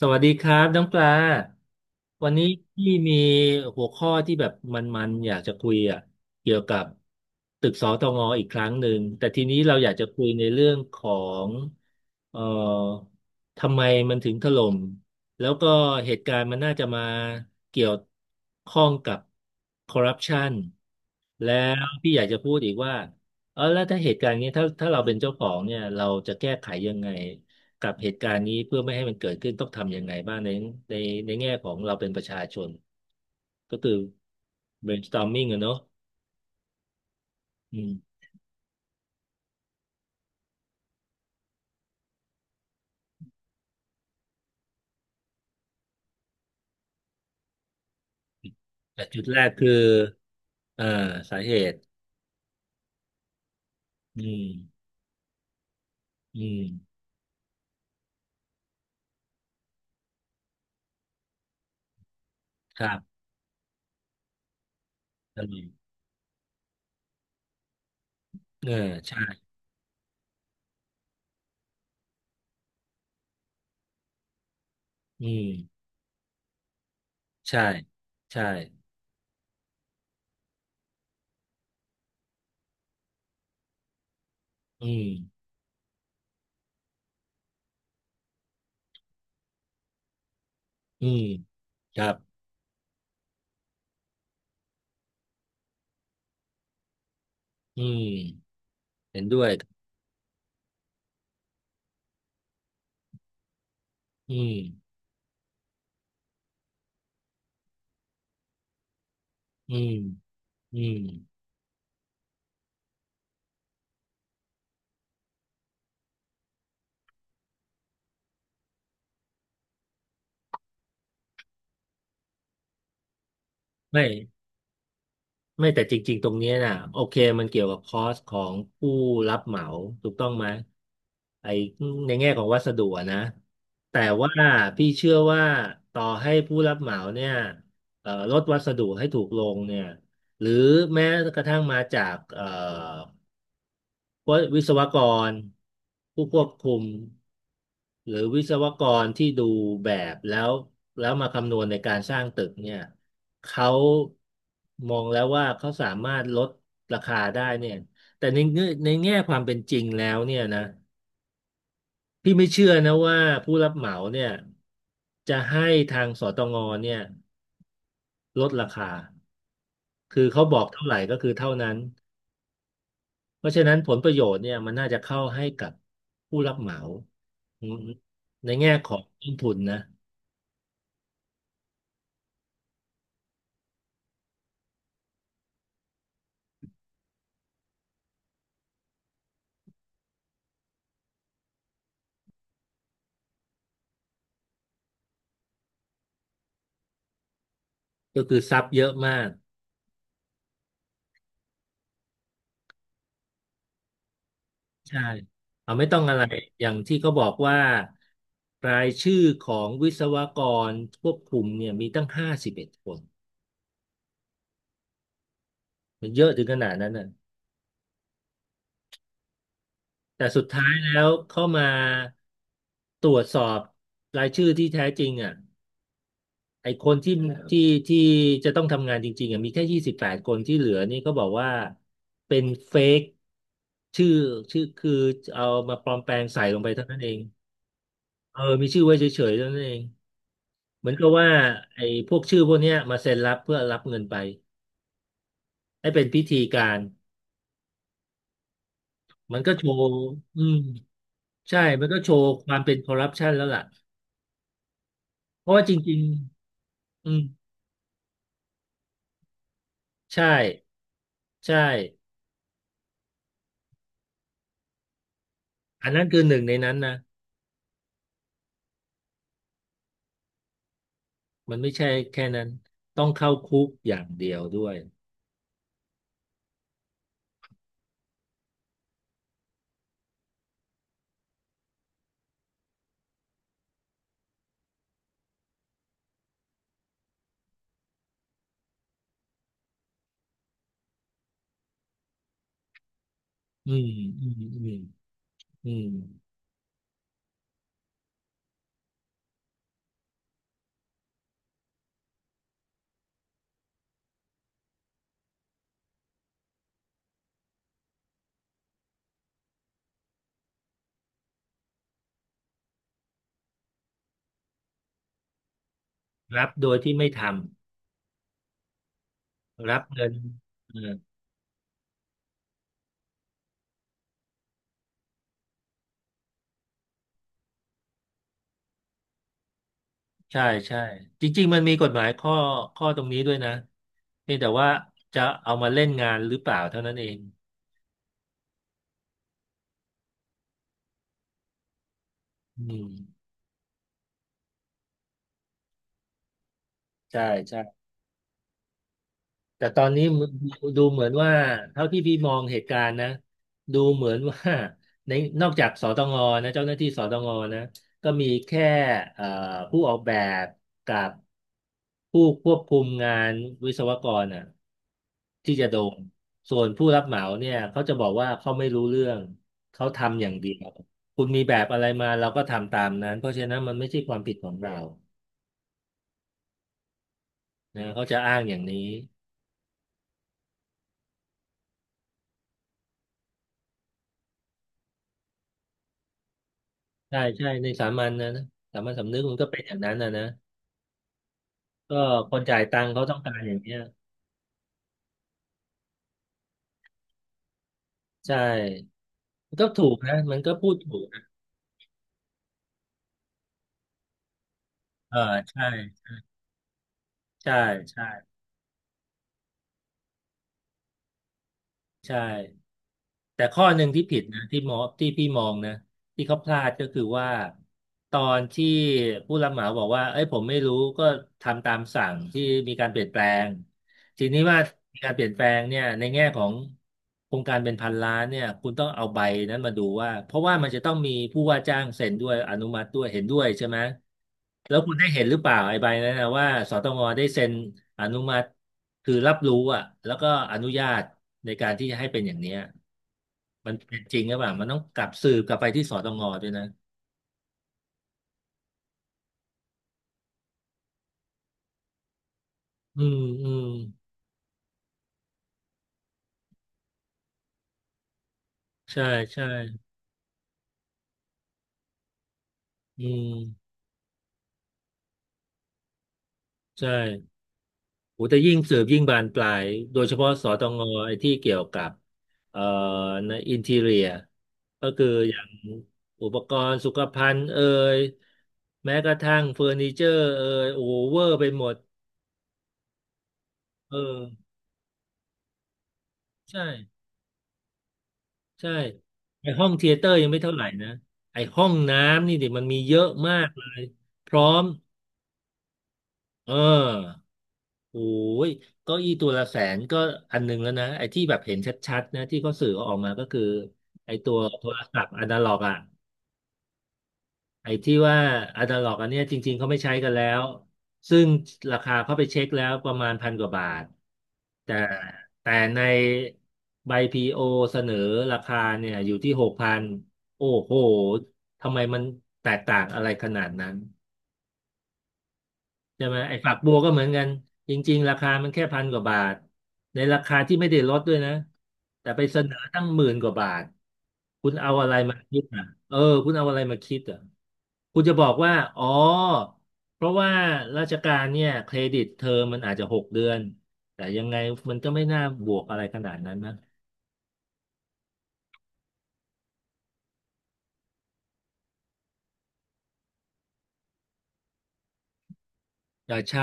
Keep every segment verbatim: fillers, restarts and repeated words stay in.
สวัสดีครับน้องปลาวันนี้พี่มีหัวข้อที่แบบมันๆอยากจะคุยอ่ะเกี่ยวกับตึกสตงอีกครั้งหนึ่งแต่ทีนี้เราอยากจะคุยในเรื่องของเอ่อทำไมมันถึงถล่มแล้วก็เหตุการณ์มันน่าจะมาเกี่ยวข้องกับคอร์รัปชันแล้วพี่อยากจะพูดอีกว่าเออแล้วถ้าเหตุการณ์นี้ถ้าถ้าเราเป็นเจ้าของเนี่ยเราจะแก้ไขยังไง กับเหตุการณ์นี้เพื่อไม่ให้มันเกิดขึ้นต้องทำยังไงบ้างในในในแง่ของเราเป็นประชาชนก็คือ brainstorming อะเนอะอืมแต่จุดแรกคืออ่าสาเหตุอืมอืมครับอืมเออใช่อืมใช่ใช่อืมอืมครับอืมเห็นด้วยอืมอืมอืมไม่ ไม่แต่จริงๆ ตรงเนี้ยน่ะโอเคมันเกี่ยวกับคอสของผู้รับเหมาถูกต้องไหมไอ้ในแง่ของวัสดุอะนะแต่ว่าพี่เชื่อว่าต่อให้ผู้รับเหมาเนี่ยเอ่อลดวัสดุให้ถูกลงเนี่ยหรือแม้กระทั่งมาจากเอ่อ ว่าวิศวกรผู้ควบคุมหรือวิศวกรที่ดูแบบแล้วแล้วมาคำนวณในการสร้างตึกเนี่ยเขามองแล้วว่าเขาสามารถลดราคาได้เนี่ยแต่ในเงื่อนในแง่ความเป็นจริงแล้วเนี่ยนะพี่ไม่เชื่อนะว่าผู้รับเหมาเนี่ยจะให้ทางสตงเนี่ยลดราคาคือเขาบอกเท่าไหร่ก็คือเท่านั้น เพราะฉะนั้นผลประโยชน์เนี่ยมันน่าจะเข้าให้กับผู้รับเหมาอืมในแง่ของต้นทุนนะก็คือซับเยอะมากใช่เอาไม่ต้องอะไรอย่างที่เขาบอกว่ารายชื่อของวิศวกรควบคุมเนี่ยมีตั้งห้าสิบเอ็ดคนมันเยอะถึงขนาดนั้นน่ะแต่สุดท้ายแล้วเข้ามาตรวจสอบรายชื่อที่แท้จริงอ่ะ ไอ้คนที่ที่ที่จะต้องทำงานจริงๆอ่ะมีแค่ยี่สิบแปดคนที่เหลือนี่ก็บอกว่าเป็นเฟกชื่อชื่อคือเอามาปลอมแปลงใส่ลงไปเท่านั้นเองเออมีชื่อไว้เฉยๆเท่านั้นเองเหมือนกับว่าไอ้พวกชื่อพวกเนี้ยมาเซ็นรับเพื่อรับเงินไปให้เป็นพิธีการมันก็โชว์อืมใช่มันก็โชว์ความเป็นคอร์รัปชันแล้วล่ะเพราะว่าจริงๆอืมใช่ใช่อันนั้นคือหนึ่งในนั้นนะ มันไม่ใช่แค่นั้นต้องเข้าคุกอย่างเดียวด้วยอืมอืมอืมอืมรับโดยที่ไม่ทำรับเงินเออใช่ใช่จริงๆมันมีกฎหมายข้อข้อตรงนี้ด้วยนะเพียงแต่ว่าจะเอามาเล่นงานหรือเปล่าเท่านั้นเองอืมใช่ใช่ แต่ตอนนี้ดูเหมือนว่าเท่าที่พี่มองเหตุการณ์นะดูเหมือนว่าในนอกจากสตงนะเจ้าหน้าที่สตงนะก็มีแค่เอ่อผู้ออกแบบกับผู้ควบคุมงานวิศวกรอ่ะที่จะโดนส่วนผู้รับเหมาเนี่ยเขาจะบอกว่าเขาไม่รู้เรื่องเขาทำอย่างเดียวคุณมีแบบอะไรมาเราก็ทำตามนั้นเพราะฉะนั้นมันไม่ใช่ความผิดของเรานะเขาจะอ้างอย่างนี้ ใช่ใช่ในสามัญนะนะสามัญสำนึกมันก็เป็นอย่างนั้นนะนะก็คนจ่ายตังค์เขาต้องการอย่างเนี้ยใช่มันก็ถูกนะมันก็พูดถูกนะเออใช่ใช่ใช่ใช่แต่ข้อหนึ่งที่ผิดนะที่มองที่พี่มองนะที่เขาพลาดก็คือว่าตอนที่ผู้รับเหมาบอกว่าเอ้ยผมไม่รู้ก็ทำตามสั่งที่มีการเปลี่ยนแปลง ทีนี้ว่ามีการเปลี่ยนแปลงเนี่ยในแง่ของโครงการเป็นพันล้านเนี่ยคุณต้องเอาใบนั้นมาดูว่าเพราะว่ามันจะต้องมีผู้ว่าจ้างเซ็นด้วยอนุมัติด้วยเห็นด้วยใช่ไหมแล้วคุณได้เห็นหรือเปล่าไอ้ใบนั้นนะว่าสตงได้เซ็นอนุมัติคือรับรู้อ่ะแล้วก็อนุญาตในการที่จะให้เป็นอย่างเนี้ยมันเป็นจริงหรือเปล่ามันต้องกลับสืบกลับไปที่สตงด้วยนะอืมอืมใช่ใช่อืมใช่ โอ้แต่ยิ่งสืบยิ่งบานปลายโดยเฉพาะสตงไอ้ที่เกี่ยวกับเอ่อในอินทีเรียก็คืออย่างอุปกรณ์สุขภัณฑ์เอ่ยแม้กระทั่งเฟอร์นิเจอร์เอ่ยโอเวอร์ไปหมดเออใช่ใช่ไอห้องเธียเตอร์ยังไม่เท่าไหร่นะไอห้องน้ำนี่ดิมันมีเยอะมากเลยพร้อมเออ โอ้ยเก็อีตัวละแสนก็อันหนึงแล้วนะ ไอ้ที่แบบเห็นชัดๆนะที่เขาสื่อออกมาก็คือไอ้ตัวโทรศัพท์อนาล็อกอ่ะ ไอ้ที่ว่าอนาล็อกอันเนี้ยจริงๆเขาไม่ใช้กันแล้ว ซึ่งราคาเขาไปเช็คแล้วประมาณพันกว่าบาท แต่แต่ในใบพีโอเสนอราคาเนี่ยอยู่ที่หกพันโอ้โห ทำไมมันแตกต่างอะไรขนาดนั้น ใช่ไหมไอ้ฝักบัวก็เหมือนกันจริงๆราคามันแค่พันกว่าบาทในราคาที่ไม่ได้ลดด้วยนะแต่ไปเสนอตั้งหมื่นกว่าบาทคุณเอาอะไรมาคิดอ่ะเออคุณเอาอะไรมาคิดอ่ะคุณจะบอกว่าอ๋อเพราะว่าราชการเนี่ยเครดิตเทอมมันอาจจะหกเดือนแต่ยังไงมันก็ไม่น่าบวกอะไรขนาดนั้นนะ อ่าใช่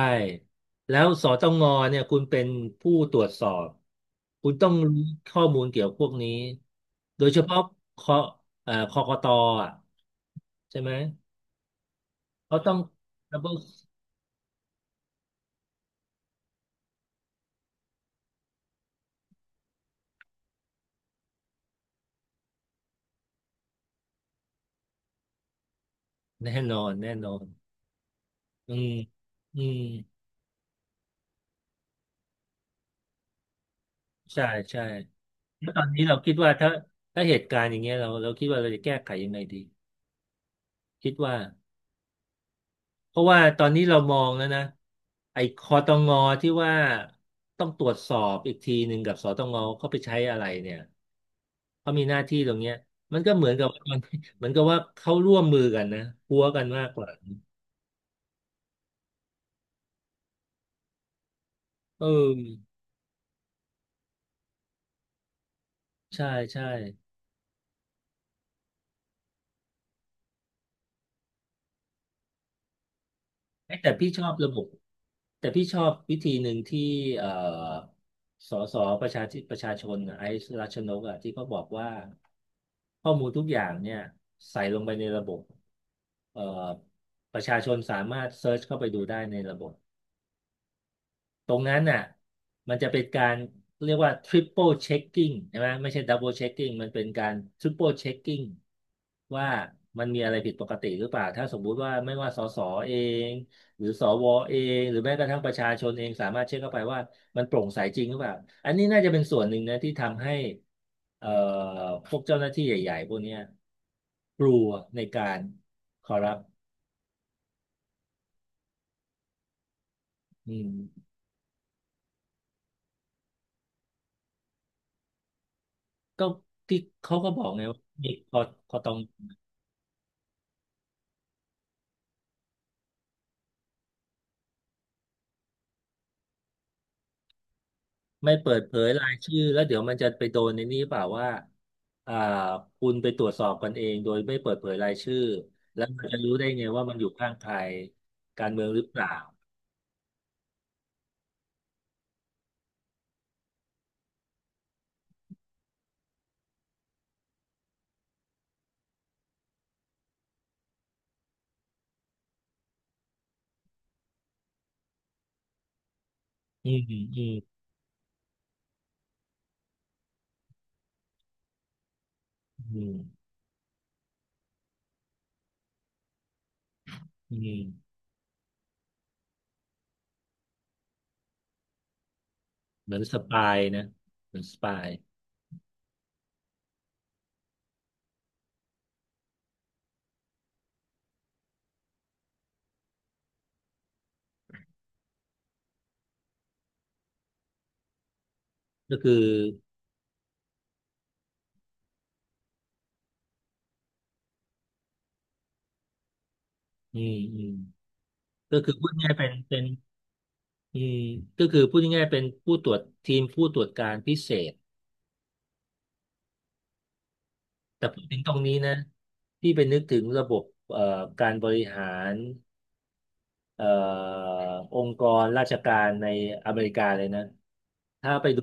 แล้วสตงเนี่ยคุณเป็นผู้ตรวจสอบคุณต้องรู้ข้อมูลเกี่ยวพวกนี้โดยเฉพาะคอเอ่อคกตอ่ะใช่ไหมเขาต้อง double แน่นอนแน่นอนอืมอืมใช่ใช่แล้วตอนนี้เราคิดว่าถ้าถ้าเหตุการณ์อย่างเงี้ยเราเราคิดว่าเราจะแก้ไขยังไงดีคิดว่า เพราะว่าตอนนี้เรามองแล้วนะไอ้คอตงอที่ว่าต้องตรวจสอบอีกทีหนึ่งกับสตงเขาไปใช้อะไรเนี่ยเขามีหน้าที่ตรงเนี้ยมันก็เหมือนกับว่ามัน เหมือนกับว่าเขาร่วมมือกันนะพัวกันมากกว่าเออใช่ใช่ เอ๊ะแต่พี่ชอบระบบแต่พี่ชอบวิธีหนึ่งที่เอ่อสสประชาธิประชาชนน่ะไอซ์รัชนกอะที่เขาบอกว่าข้อมูลทุกอย่างเนี่ยใส่ลงไปในระบบเอ่อประชาชนสามารถเซิร์ชเข้าไปดูได้ในระบบ ตรงนั้นน่ะมันจะเป็นการเรียกว่า triple checking ใช่ไหมไม่ใช่ double checking มันเป็นการ triple checking ว่ามันมีอะไรผิดปกติหรือเปล่าถ้าสมมุติว่าไม่ว่าสสเองหรือสวเองหรือแม้กระทั่งประชาชนเองสามารถเช็คเข้าไปว่ามันโปร่งใสจริงหรือเปล่าอันนี้น่าจะเป็นส่วนหนึ่งนะที่ทำให้เอ่อพวกเจ้าหน้าที่ใหญ่ๆพวกเนี้ยกลัวในการคอรัปอืมก็ที่เขาก็บอกไงว่ามีคอคอตอง ไม่เปิดเผยรายชื่อแล้วเดี๋ยวมันจะไปโดนในนี้เปล่าว่าอ่าคุณไปตรวจสอบกันเองโดยไม่เปิดเผยรายชื่อแล้วมันจะรู้ได้ไงว่ามันอยู่ข้างใครการเมืองหรือเปล่าอืมอืมอืมอืมอืมเหมือนสปายนะเหมือนสปายก็คืออืมอืมก็คือพูดง่ายๆเป็นเป็นอืมก็คือพูดง่ายๆเป็นผู้ตรวจทีมผู้ตรวจการพิเศษแต่พูดถึงตรงนี้นะที่ไปนึกถึงระบบเอ่อการบริหาร เอ่อองค์กรราชการในอเมริกาเลยนะถ้าไปดู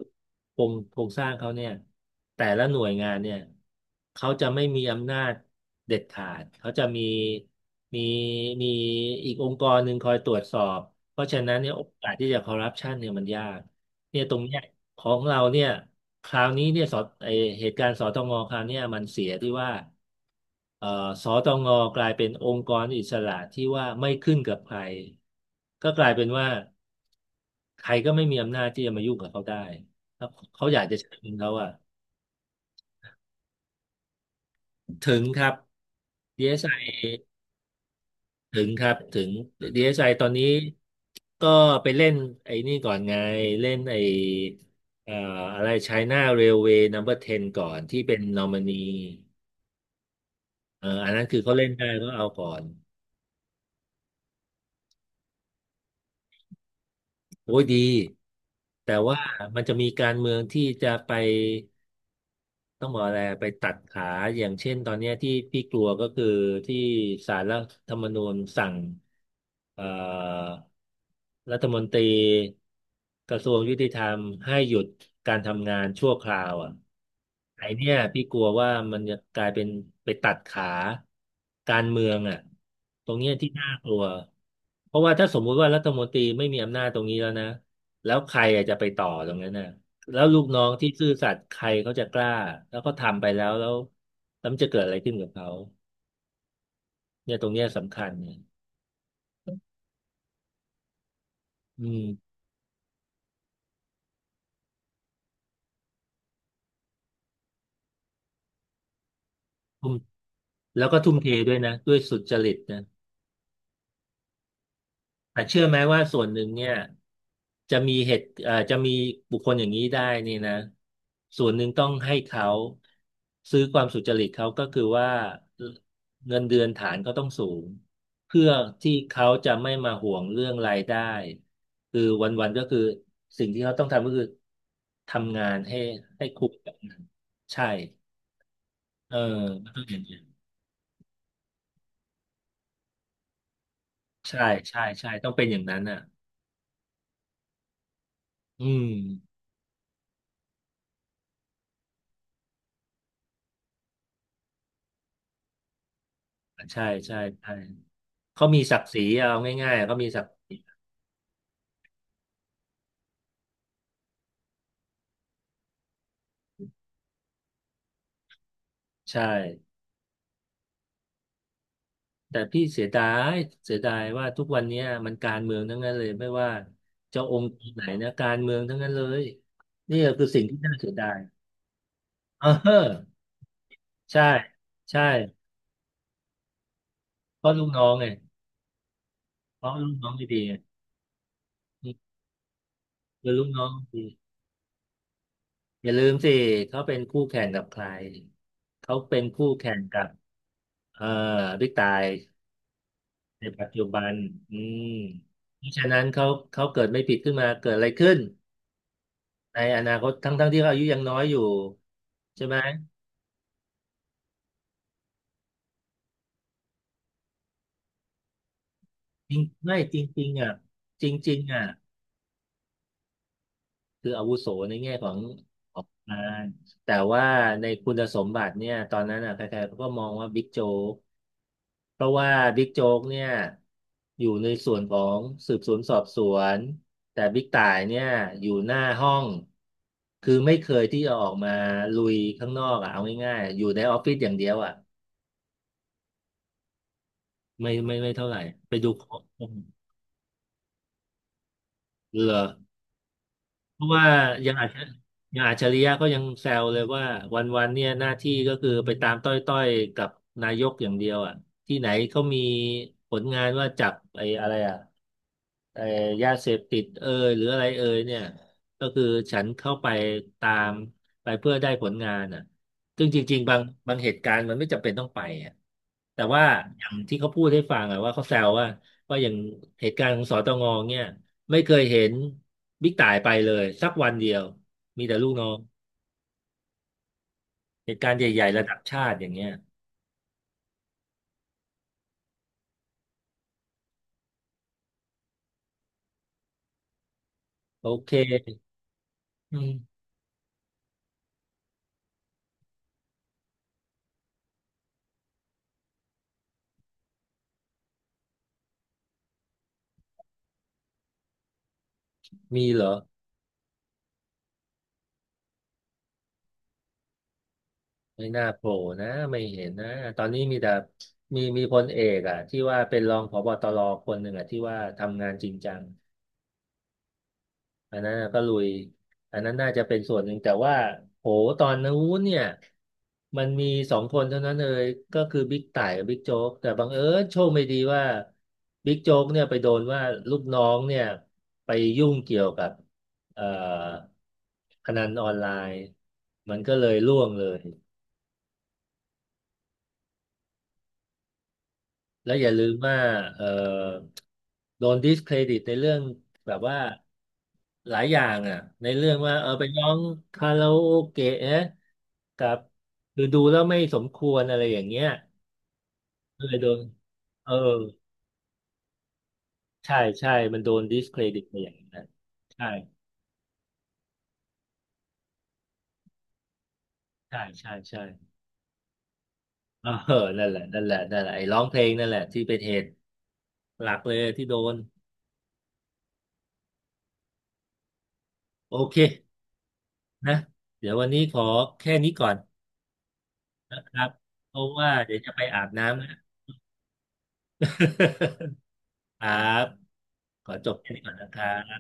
โครงโครงสร้างเขาเนี่ยแต่ละหน่วยงานเนี่ยเขาจะไม่มีอำนาจเด็ดขาดเขาจะมีมีมีอีกองค์กรหนึ่งคอยตรวจสอบเพราะฉะนั้นเนี่ยโอกาสที่จะคอร์รัปชันเนี่ยมันยาก เนี่ยตรงเนี้ยของเราเนี่ยคราวนี้เนี่ยสอไอเหตุการณ์สตงคราวเนี้ยมันเสียที่ว่าเอ่อสตงกลายเป็นองค์กรอิสระที่ว่าไม่ขึ้นกับใครก็กลายเป็นว่าใครก็ไม่มีอำนาจที่จะมายุ่งกับเขาได้ถ้าเขาอยากจะใช้เงินเขาอะถึงครับ ดี เอส ไอ ถึงครับถึง ดี เอส ไอ ตอนนี้ก็ไปเล่นไอ้นี่ก่อนไงเล่นไอ้เอ่ออะไร China Railway Number สิบก่อนที่เป็นนอมินีเอ่ออันนั้นคือเขาเล่นได้ก็เอาก่อนโอ้ยดีแต่ว่ามันจะมีการเมืองที่จะไป ต้องบอกอะไรไปตัดขาอย่างเช่นตอนเนี้ยที่พี่กลัวก็คือที่ศาลรัฐธรรมนูญสั่งเอ่อรัฐมนตรีกระทรวงยุติธรรมให้หยุดการทำงานชั่วคราวอ่ะไอเนี่ยพี่กลัวว่ามันจะกลายเป็นไปตัดขาการเมืองอ่ะตรงเนี้ยที่น่ากลัวเพราะว่าถ้าสมมุติว่ารัฐมนตรีไม่มีอำนาจตรงนี้แล้วนะแล้วใครอะจะไปต่อตรงนั้นน่ะ แล้วลูกน้องที่ซื่อสัตย์ใครเขาจะกล้าแล้วก็ทำไปแล้วแล้วแล้วมันจะเกิดอะไรขึ้นกับเขาเนี่ยตรงเนี้ยสำคัญเนี่ยอืมทุ่มแล้วก็ทุ่มเทด้วยนะด้วยสุจริตนะ แต่เชื่อไหมว่าส่วนหนึ่งเนี่ยจะมีเหตุเอ่อจะมีบุคคลอย่างนี้ได้นี่นะส่วนหนึ่งต้องให้เขาซื้อความสุจริตเขาก็คือว่าเงินเดือนฐานก็ต้องสูงเพื่อที่เขาจะไม่มาห่วงเรื่องรายได้คือวันๆก็คือสิ่งที่เขาต้องทำก็คือทำงานให้ให้คุ้มกับงานใช่เออมันต้องอย่างนี้นใช่ใช่ใช่ต้องเป็นอย่างนั้นอ่ะอืมใช่ใช่ใช่ เขามีศักดิ์ศรีเอาง่ายๆ เขามีศักดิ์ศรีใช่แต่พี่เสียดายเสียดายว่าทุกวันเนี้ยมันการเมืองทั้งนั้นเลยไม่ว่าจะองค์ไหนนะการเมืองทั้งนั้นเลยนี่ก็คือสิ่งที่น่าเสียดายเออใช่ใช่เพราะลูกน้องไงเพราะลูกน้องไม่ดีไงคือลูกน้องไม่ดีอย่าลืมสิเขาเป็นคู่แข่งกับใครเขาเป็นคู่แข่งกับเอ่อบิ๊กตาย ในปัจจุบันอืมเพราะฉะนั้นเขาเขาเกิดไม่ผิดขึ้นมาเกิดอะไรขึ้นในอนาคตทั้งทั้งที่เขาอายุยังน้อยอยู่ใช่ไหมจริงไม่จริงๆอ่ะจริงๆอ่ะ คืออาวุโสในแง่ของของงานแต่ว่าในคุณสมบัติเนี่ยตอนนั้นอ่ะใครๆเขาก็มองว่าบิ๊กโจ๊กเพราะว่าบิ๊กโจ๊กเนี่ยอยู่ในส่วนของสืบสวนสอบสวน แต่บิ๊กต่ายเนี่ยอยู่หน้าห้อง คือไม่เคยที่จะออกมาลุยข้างนอกอ่ะเอาง่ายๆอยู่ในออฟฟิศอย่างเดียวอ่ะไม่ไม่ไม่เท่าไหร่ไปดูของเหรอ เพราะว่ายังอาจจะยังอัจฉริยะก็ยังแซวเลยว่าวันๆเนี่ยหน้าที่ก็คือไปตามต้อยๆกับนายกอย่างเดียวอ่ะที่ไหนเขามีผลงานว่าจับไอ้อะไรอ่ะ เอ่ยาเสพติดเอยหรืออะไรเอยเนี่ยก็คือฉันเข้าไปตามไปเพื่อได้ผลงานอ่ะซึ่งจริงๆบางบางเหตุการณ์มันไม่จำเป็นต้องไปอ่ะแต่ว่าอย่างที่เขาพูดให้ฟังอ่ะว่าเขาแซวว่าว่าอย่างเหตุการณ์ของส ต งเนี่ยไม่เคยเห็นบิ๊กต่ายไปเลยสักวันเดียวมีแต่ลูกน้องเหตุการณ์ใหญ่ๆระดับชาติอย่างเงี้ยโอเคอืมมีเหรอ ไม่น่าโผล่นะไม่เห็นนะตอนนี้มีแต่มีมีพลเอกอ่ะที่ว่าเป็นรองผอ บอ ตอ รอคนหนึ่งอ่ะที่ว่าทำงานจริงจังอันนั้นก็ลุยอันนั้นน่าจะเป็นส่วนหนึ่งแต่ว่าโหตอนนู้นเนี่ยมันมีสองคนเท่านั้นเลยก็คือบิ๊กต่ายกับบิ๊กโจ๊กแต่บังเอิญโชคไม่ดีว่าบิ๊กโจ๊กเนี่ยไปโดนว่าลูกน้องเนี่ยไปยุ่งเกี่ยวกับเอ่อพนันออนไลน์มันก็เลยร่วงเลย แล้วอย่าลืมว่าเอ่อโดนดิสเครดิตในเรื่องแบบว่าหลายอย่างอ่ะในเรื่องว่าเออไปร้องคาราโอเกะนะกับคือดูแล้วไม่สมควรอะไรอย่างเงี้ยก็เลยโดนเออใช่ใช่มันโดนดิสเครดิตไปอย่างนั้นใช่ใช่ใช่ใช่เออนั่นแหละนั่นแหละนั่นแหละไอ้ร้องเพลงนั่นแหละที่เป็นเหตุหลักเลยที่โดนโอเคนะเดี๋ยววันนี้ขอแค่นี้ก่อนนะครับเพราะว่าเดี๋ยวจะไปอาบน้ำ ครับขอจบแค่นี้ก่อนนะครับ